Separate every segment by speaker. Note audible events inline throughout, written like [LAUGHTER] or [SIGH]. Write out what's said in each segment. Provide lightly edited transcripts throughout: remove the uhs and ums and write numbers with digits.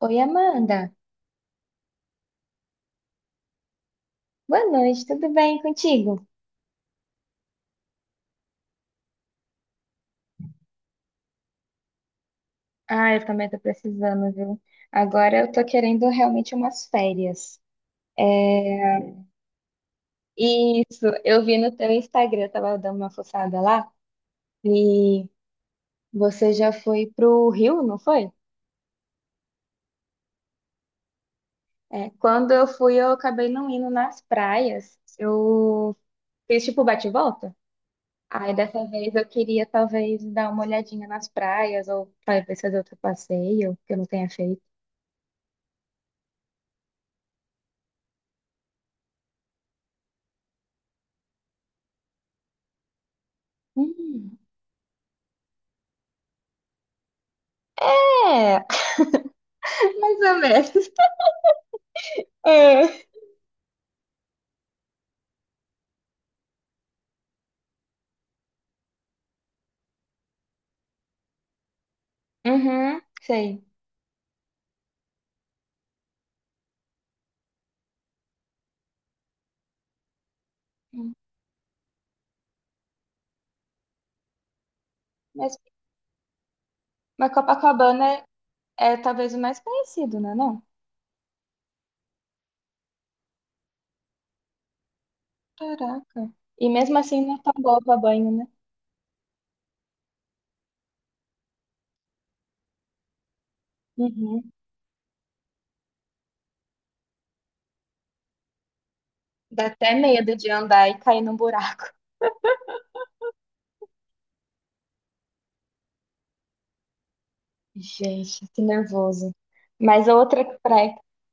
Speaker 1: Oi, Amanda. Boa noite, tudo bem contigo? Ah, eu também tô precisando, viu? Agora eu tô querendo realmente umas férias. É... Isso, eu vi no teu Instagram, eu tava dando uma fuçada lá, e você já foi pro Rio, não foi? É, quando eu fui, eu acabei não indo nas praias. Eu fiz tipo bate-volta. E volta. Aí dessa vez eu queria talvez dar uma olhadinha nas praias, ou talvez fazer outro passeio que eu não tenha feito. Hum. É, mais ou menos. É. Uhum, sei. Mas, mas Copacabana é, é talvez o mais conhecido, né? Não? Caraca. E mesmo assim não é tão boa pra banho, né? Uhum. Dá até medo de andar e cair num buraco. Gente, que nervoso. Mas outra praia,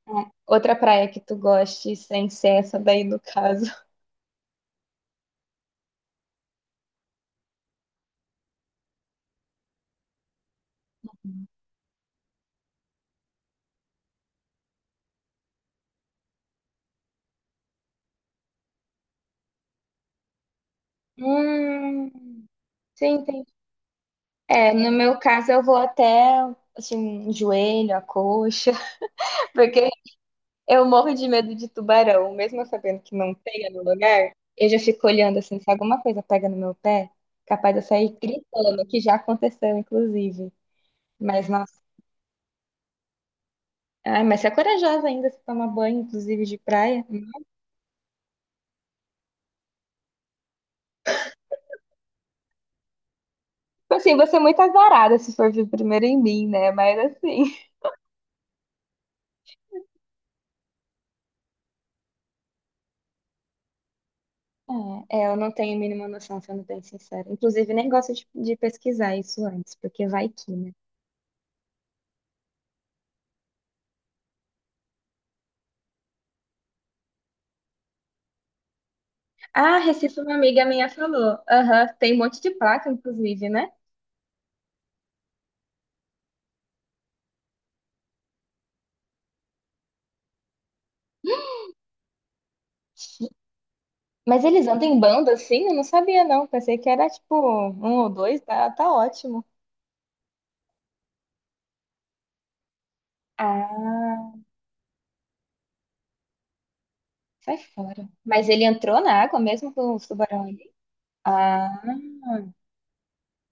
Speaker 1: é, outra praia que tu goste, sem ser essa daí no caso. Hum, sim, entendi. É, no meu caso eu vou até assim, joelho, a coxa, [LAUGHS] porque eu morro de medo de tubarão, mesmo eu sabendo que não pega no lugar, eu já fico olhando assim, se alguma coisa pega no meu pé, capaz de eu sair gritando, que já aconteceu, inclusive. Mas, nossa, ai, mas você é corajosa ainda, se toma banho, inclusive, de praia. Tipo assim, você é muito azarada se for vir primeiro em mim, né? Mas assim. [LAUGHS] É, é, eu não tenho a mínima noção, sendo bem sincera. Inclusive, nem gosto de pesquisar isso antes, porque vai que, né? Ah, Recife, uma amiga minha falou. Aham, tem um monte de placa, inclusive, né? Mas eles andam em banda assim? Eu não sabia, não. Pensei que era tipo um ou dois, tá, tá ótimo. Ah, sai fora. Mas ele entrou na água mesmo com os tubarão ali? Ah,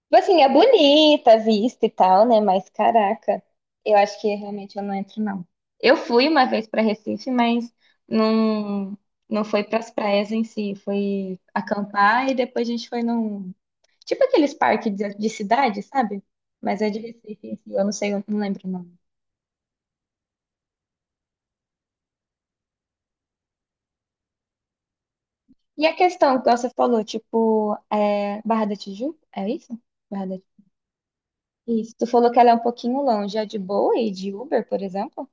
Speaker 1: tipo assim, é bonita a vista e tal, né? Mas caraca, eu acho que realmente eu não entro, não. Eu fui uma vez pra Recife, mas não, não foi pras praias em si. Foi acampar e depois a gente foi num. Tipo aqueles parques de cidade, sabe? Mas é de Recife, em si, eu não sei, eu não lembro o nome. E a questão que você falou, tipo, é Barra da Tijuca? É isso? Barra da... Isso. Tu falou que ela é um pouquinho longe. É de boa e de Uber, por exemplo?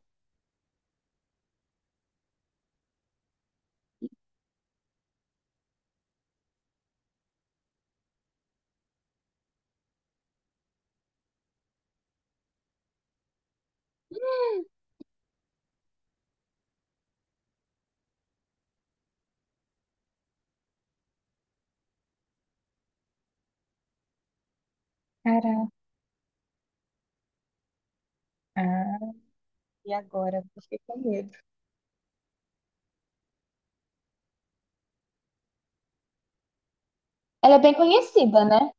Speaker 1: Caraca. Ah, e agora? Fiquei com medo. Ela é bem conhecida, né?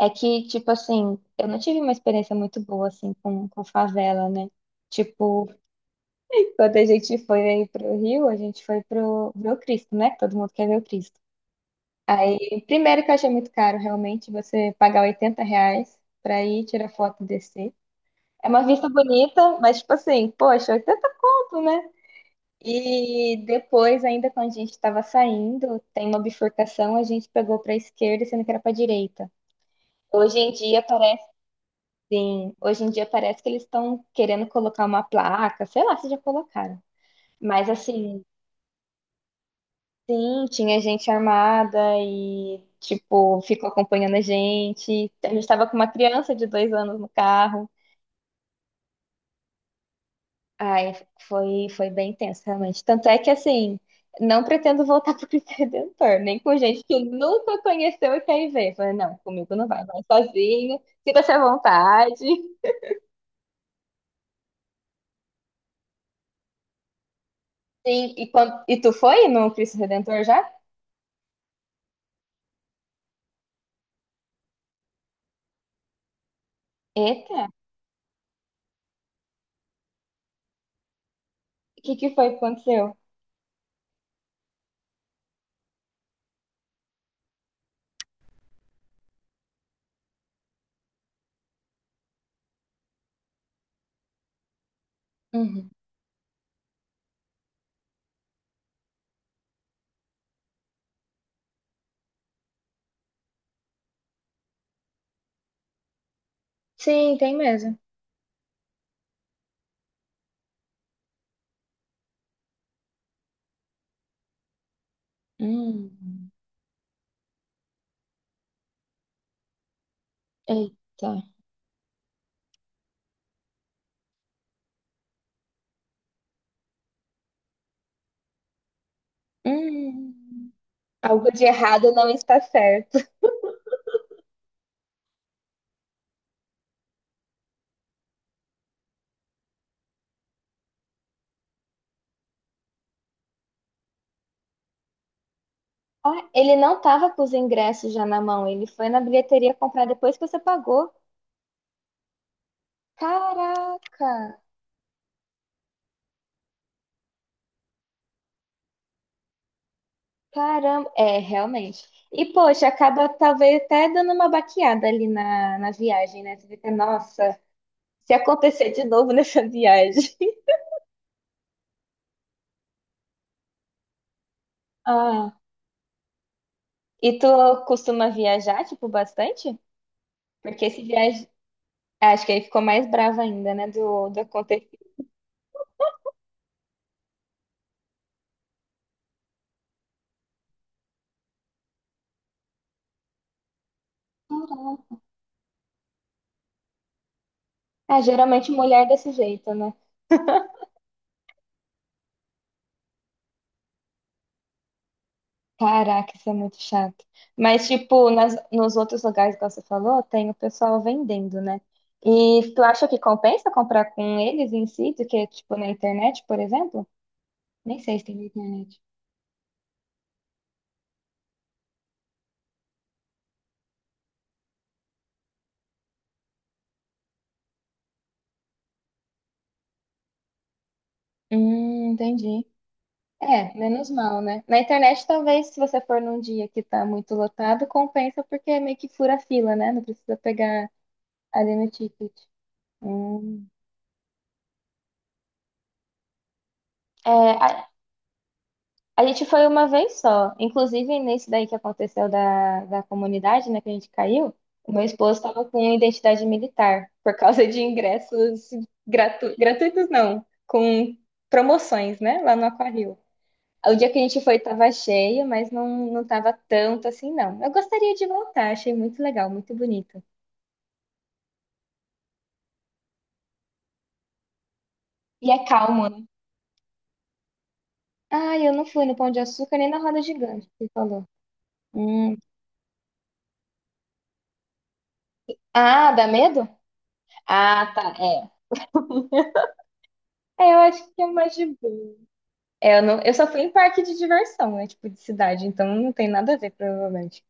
Speaker 1: É que, tipo assim, eu não tive uma experiência muito boa, assim, com favela, né? Tipo, [LAUGHS] quando a gente foi aí pro Rio, a gente foi pro ver o Cristo, né? Que todo mundo quer ver o Cristo. Aí, primeiro que eu achei muito caro, realmente, você pagar 80 reais pra ir tirar foto e descer. É uma vista bonita, mas tipo assim, poxa, 80 conto, né? E depois, ainda quando a gente estava saindo, tem uma bifurcação, a gente pegou para a esquerda, sendo que era para a direita. Hoje em dia parece, sim, hoje em dia parece que eles estão querendo colocar uma placa, sei lá se já colocaram. Mas assim, sim, tinha gente armada e, tipo, ficou acompanhando a gente. A gente estava com uma criança de 2 anos no carro. Ai, foi, foi bem tenso, realmente. Tanto é que, assim, não pretendo voltar pro Cristo Redentor, nem com gente que nunca conheceu e quer ir ver. Falei, não, comigo não vai, vai sozinho, sinta-se à vontade. Sim, e, quando, e tu foi no Cristo Redentor já? Eita, o que que foi que aconteceu? Uhum. Sim, tem mesmo. Hum, eita. Hum, algo de errado não está certo. Ah, ele não tava com os ingressos já na mão, ele foi na bilheteria comprar depois que você pagou. Caraca! Caramba! É, realmente. E, poxa, acaba talvez até dando uma baqueada ali na, na viagem, né? Você fica, nossa, se acontecer de novo nessa [LAUGHS] viagem. Ah, e tu costuma viajar, tipo, bastante? Porque esse viagem. Acho que ele ficou mais bravo ainda, né? Do acontecer. Caraca. Ah, geralmente mulher desse jeito, né? Caraca, isso é muito chato. Mas, tipo, nos outros lugares, igual você falou, tem o pessoal vendendo, né? E tu acha que compensa comprar com eles em si, do que, tipo, na internet, por exemplo? Nem sei se tem na internet. Entendi. É, menos mal, né? Na internet, talvez, se você for num dia que tá muito lotado, compensa porque é meio que fura a fila, né? Não precisa pegar ali no ticket. Hum. É, a gente foi uma vez só. Inclusive, nesse daí que aconteceu da, da comunidade, né, que a gente caiu, o meu esposo estava com identidade militar, por causa de ingressos gratu... gratuitos, não, com promoções, né, lá no Aquário. O dia que a gente foi estava cheio, mas não, não tava tanto assim, não. Eu gostaria de voltar, achei muito legal, muito bonito. E é calmo, né? Ah, eu não fui no Pão de Açúcar nem na Roda Gigante, que você falou. Hum. Ah, dá medo? Ah, tá, é. [LAUGHS] É, eu acho que é mais de boa. É, eu, não, eu só fui em parque de diversão, né? Tipo, de cidade, então não tem nada a ver, provavelmente.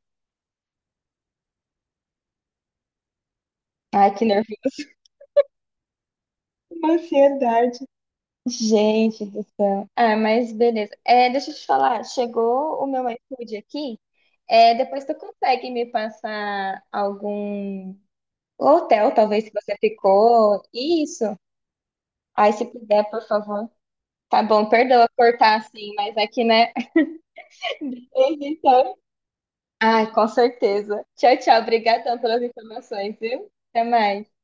Speaker 1: Ai, que nervoso. [LAUGHS] Ansiedade. Gente do céu. Ah, mas beleza. É, deixa eu te falar, chegou o meu iFood aqui. É, depois tu consegue me passar algum hotel, talvez, se você ficou. Isso. Aí, se puder, por favor. Tá bom, perdoa cortar assim, mas aqui, né? [LAUGHS] Ai, com certeza. Tchau, tchau. Obrigadão pelas informações, viu? Até mais.